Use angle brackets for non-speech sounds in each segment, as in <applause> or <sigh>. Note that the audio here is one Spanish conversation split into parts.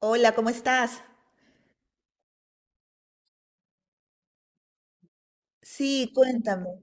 Hola, ¿cómo estás? Sí, cuéntame.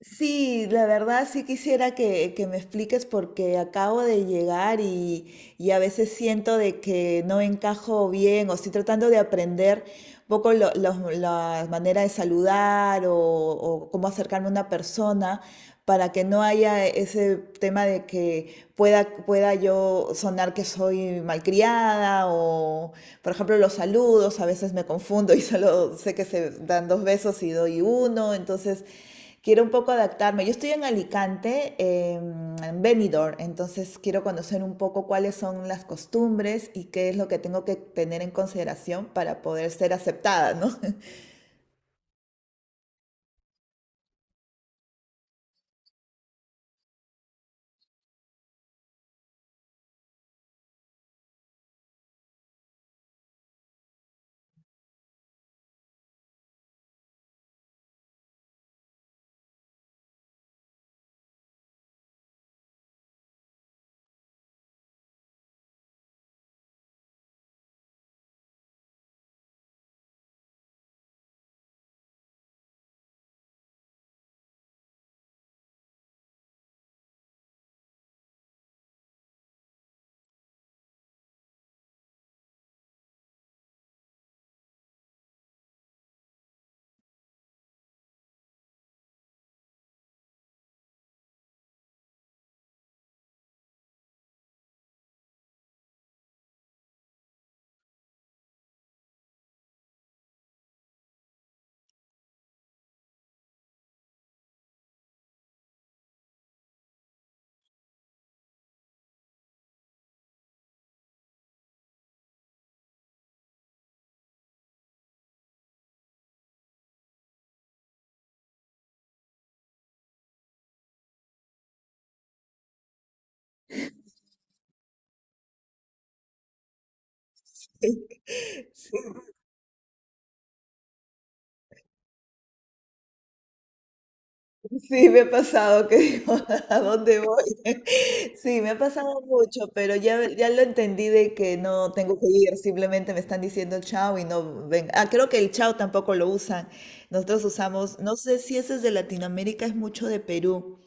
Sí, la verdad sí quisiera que me expliques porque acabo de llegar y a veces siento de que no encajo bien o estoy tratando de aprender un poco la manera de saludar o cómo acercarme a una persona para que no haya ese tema de que pueda yo sonar que soy malcriada o, por ejemplo, los saludos, a veces me confundo y <laughs> solo sé que se dan dos besos y doy uno, entonces quiero un poco adaptarme. Yo estoy en Alicante, en Benidorm, entonces quiero conocer un poco cuáles son las costumbres y qué es lo que tengo que tener en consideración para poder ser aceptada, ¿no? Sí, me ha pasado que digo, <laughs> ¿a dónde voy? <laughs> Sí, me ha pasado mucho, pero ya lo entendí de que no tengo que ir, simplemente me están diciendo chao y no ven. Ah, creo que el chao tampoco lo usan. Nosotros usamos, no sé si ese es de Latinoamérica, es mucho de Perú.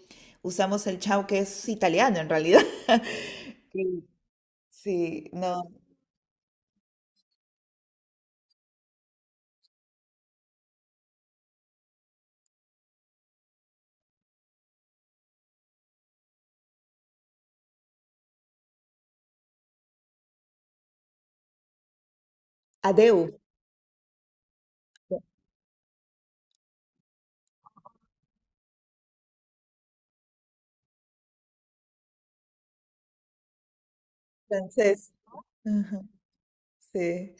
Usamos el chao que es italiano en realidad. <laughs> Sí, sí, no, adeu, francés. Ujú, sí.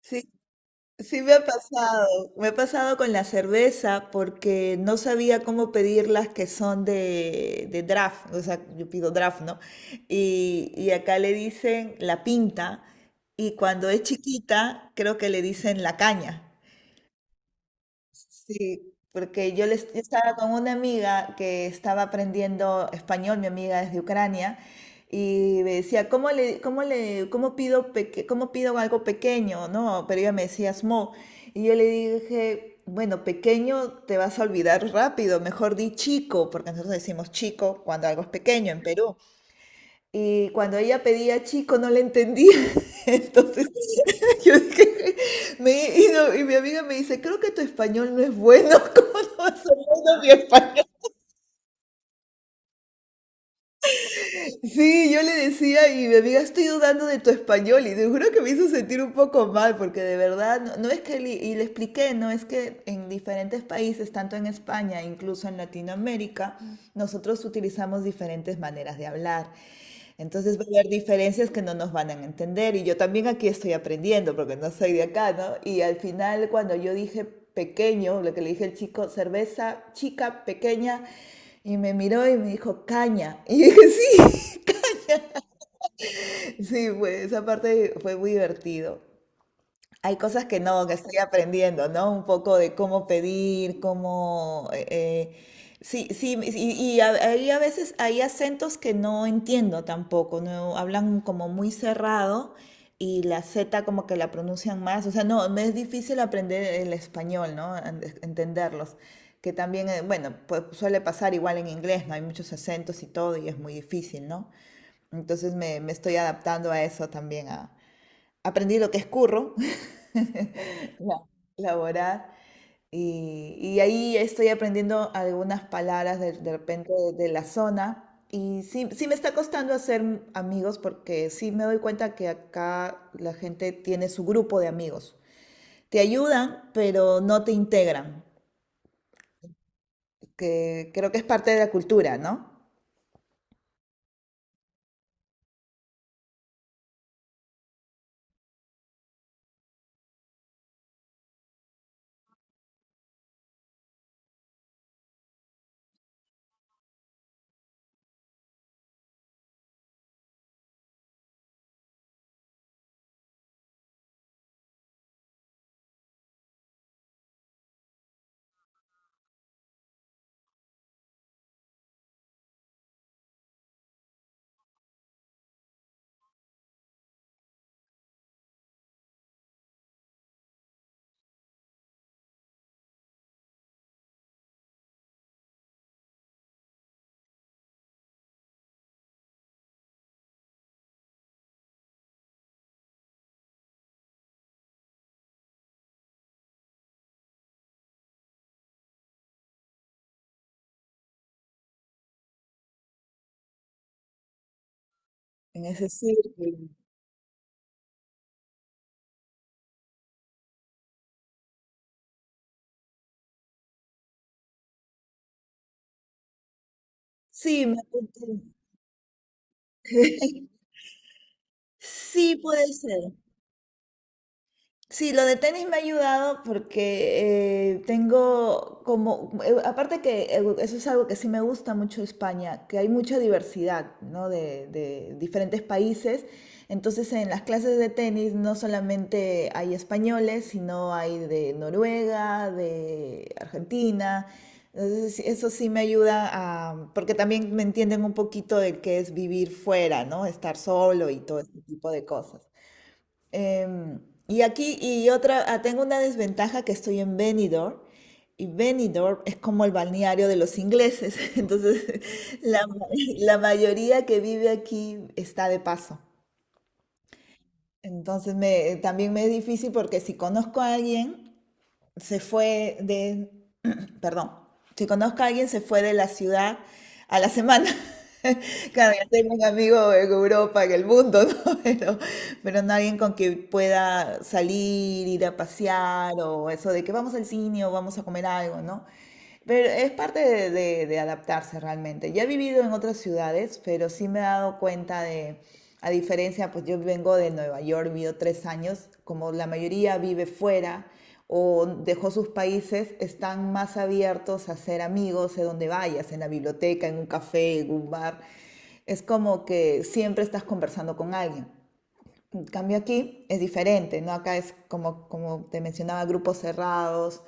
Sí, sí me ha pasado con la cerveza porque no sabía cómo pedir las que son de draft, o sea, yo pido draft, ¿no? Y acá le dicen la pinta y cuando es chiquita creo que le dicen la caña. Sí, porque yo estaba con una amiga que estaba aprendiendo español, mi amiga es de Ucrania, y me decía, ¿cómo pido, cómo pido algo pequeño? ¿No? Pero ella me decía smo. Y yo le dije, bueno, pequeño te vas a olvidar rápido, mejor di chico, porque nosotros decimos chico cuando algo es pequeño en Perú. Y cuando ella pedía chico no le entendía, <laughs> entonces <laughs> yo dije, mi amiga me dice, creo que tu español no es bueno, <laughs> ¿cómo no va a ser bueno mi español? Sí, yo le decía y mi amiga, estoy dudando de tu español y te juro que me hizo sentir un poco mal porque de verdad, no, no es que le expliqué, no es que en diferentes países, tanto en España, incluso en Latinoamérica, nosotros utilizamos diferentes maneras de hablar. Entonces va a haber diferencias que no nos van a entender y yo también aquí estoy aprendiendo porque no soy de acá, ¿no? Y al final cuando yo dije pequeño, lo que le dije al chico, cerveza chica, pequeña, y me miró y me dijo caña. Y yo dije, sí, sí, pues esa parte fue muy divertido. Hay cosas que no, que estoy aprendiendo, ¿no? Un poco de cómo pedir, sí, sí, hay a veces hay acentos que no entiendo tampoco, ¿no? Hablan como muy cerrado y la Z como que la pronuncian más. O sea, no, me es difícil aprender el español, ¿no? Entenderlos. Que también, bueno, pues suele pasar igual en inglés, ¿no? Hay muchos acentos y todo y es muy difícil, ¿no? Entonces me estoy adaptando a eso también. Aprendí lo que es curro, <laughs> la- laborar, y ahí estoy aprendiendo algunas palabras de repente de la zona. Y sí, sí me está costando hacer amigos porque sí me doy cuenta que acá la gente tiene su grupo de amigos. Te ayudan, pero no te integran, que creo que es parte de la cultura, ¿no? En ese círculo. Sí, me apunté. <laughs> Sí, puede ser. Sí, lo de tenis me ha ayudado porque tengo como, aparte que eso es algo que sí me gusta mucho de España, que hay mucha diversidad, ¿no? De diferentes países. Entonces en las clases de tenis no solamente hay españoles, sino hay de Noruega, de Argentina. Entonces sí, eso sí me ayuda a, porque también me entienden un poquito de qué es vivir fuera, ¿no? Estar solo y todo este tipo de cosas. Em, y aquí, y otra, ah, tengo una desventaja que estoy en Benidorm, y Benidorm es como el balneario de los ingleses, <laughs> entonces la, la mayoría que vive aquí está de paso. Entonces también me es difícil porque si conozco a alguien, se fue de, <clears throat> perdón, si conozco a alguien, se fue de la ciudad a la semana. <laughs> Claro, yo tengo un amigo en Europa, en el mundo, ¿no? <laughs> Pero no alguien con quien pueda salir, ir a pasear o eso de que vamos al cine o vamos a comer algo, ¿no? Pero es parte de adaptarse realmente. Ya he vivido en otras ciudades, pero sí me he dado cuenta de, a diferencia, pues yo vengo de Nueva York, vivo 3 años, como la mayoría vive fuera, o dejó sus países, están más abiertos a ser amigos de donde vayas, en la biblioteca, en un café, en un bar. Es como que siempre estás conversando con alguien. En cambio aquí es diferente, ¿no? Acá es como, como te mencionaba, grupos cerrados,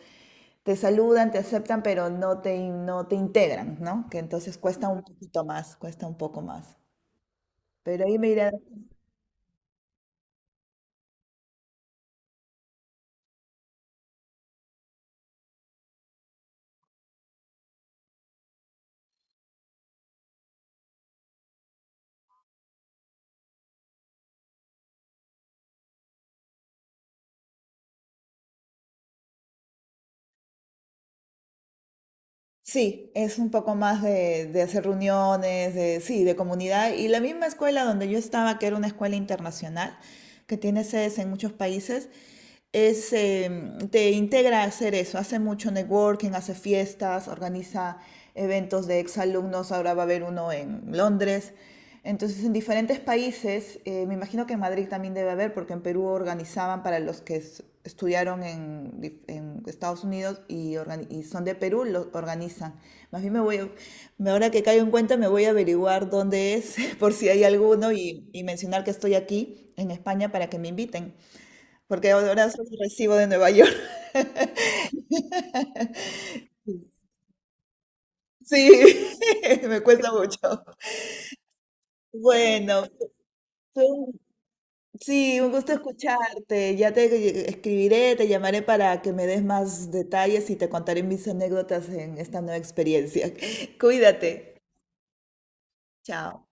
te saludan, te aceptan, pero no te integran, ¿no? Que entonces cuesta un poquito más, cuesta un poco más. Pero ahí me iré. Sí, es un poco más de hacer reuniones, de, sí, de comunidad. Y la misma escuela donde yo estaba, que era una escuela internacional, que tiene sedes en muchos países, es, te integra a hacer eso. Hace mucho networking, hace fiestas, organiza eventos de exalumnos. Ahora va a haber uno en Londres. Entonces, en diferentes países, me imagino que en Madrid también debe haber, porque en Perú organizaban para los que estudiaron en, en Estados Unidos y, y son de Perú, lo organizan. Más bien me voy, a- me- ahora que caigo en cuenta, me voy a averiguar dónde es, <laughs> por si hay alguno, y mencionar que estoy aquí en España para que me inviten, porque ahora solo recibo de Nueva York. <laughs> Sí, <laughs> me cuesta mucho. Bueno, fue un sí, un gusto escucharte. Ya te escribiré, te llamaré para que me des más detalles y te contaré mis anécdotas en esta nueva experiencia. <laughs> Cuídate. Chao.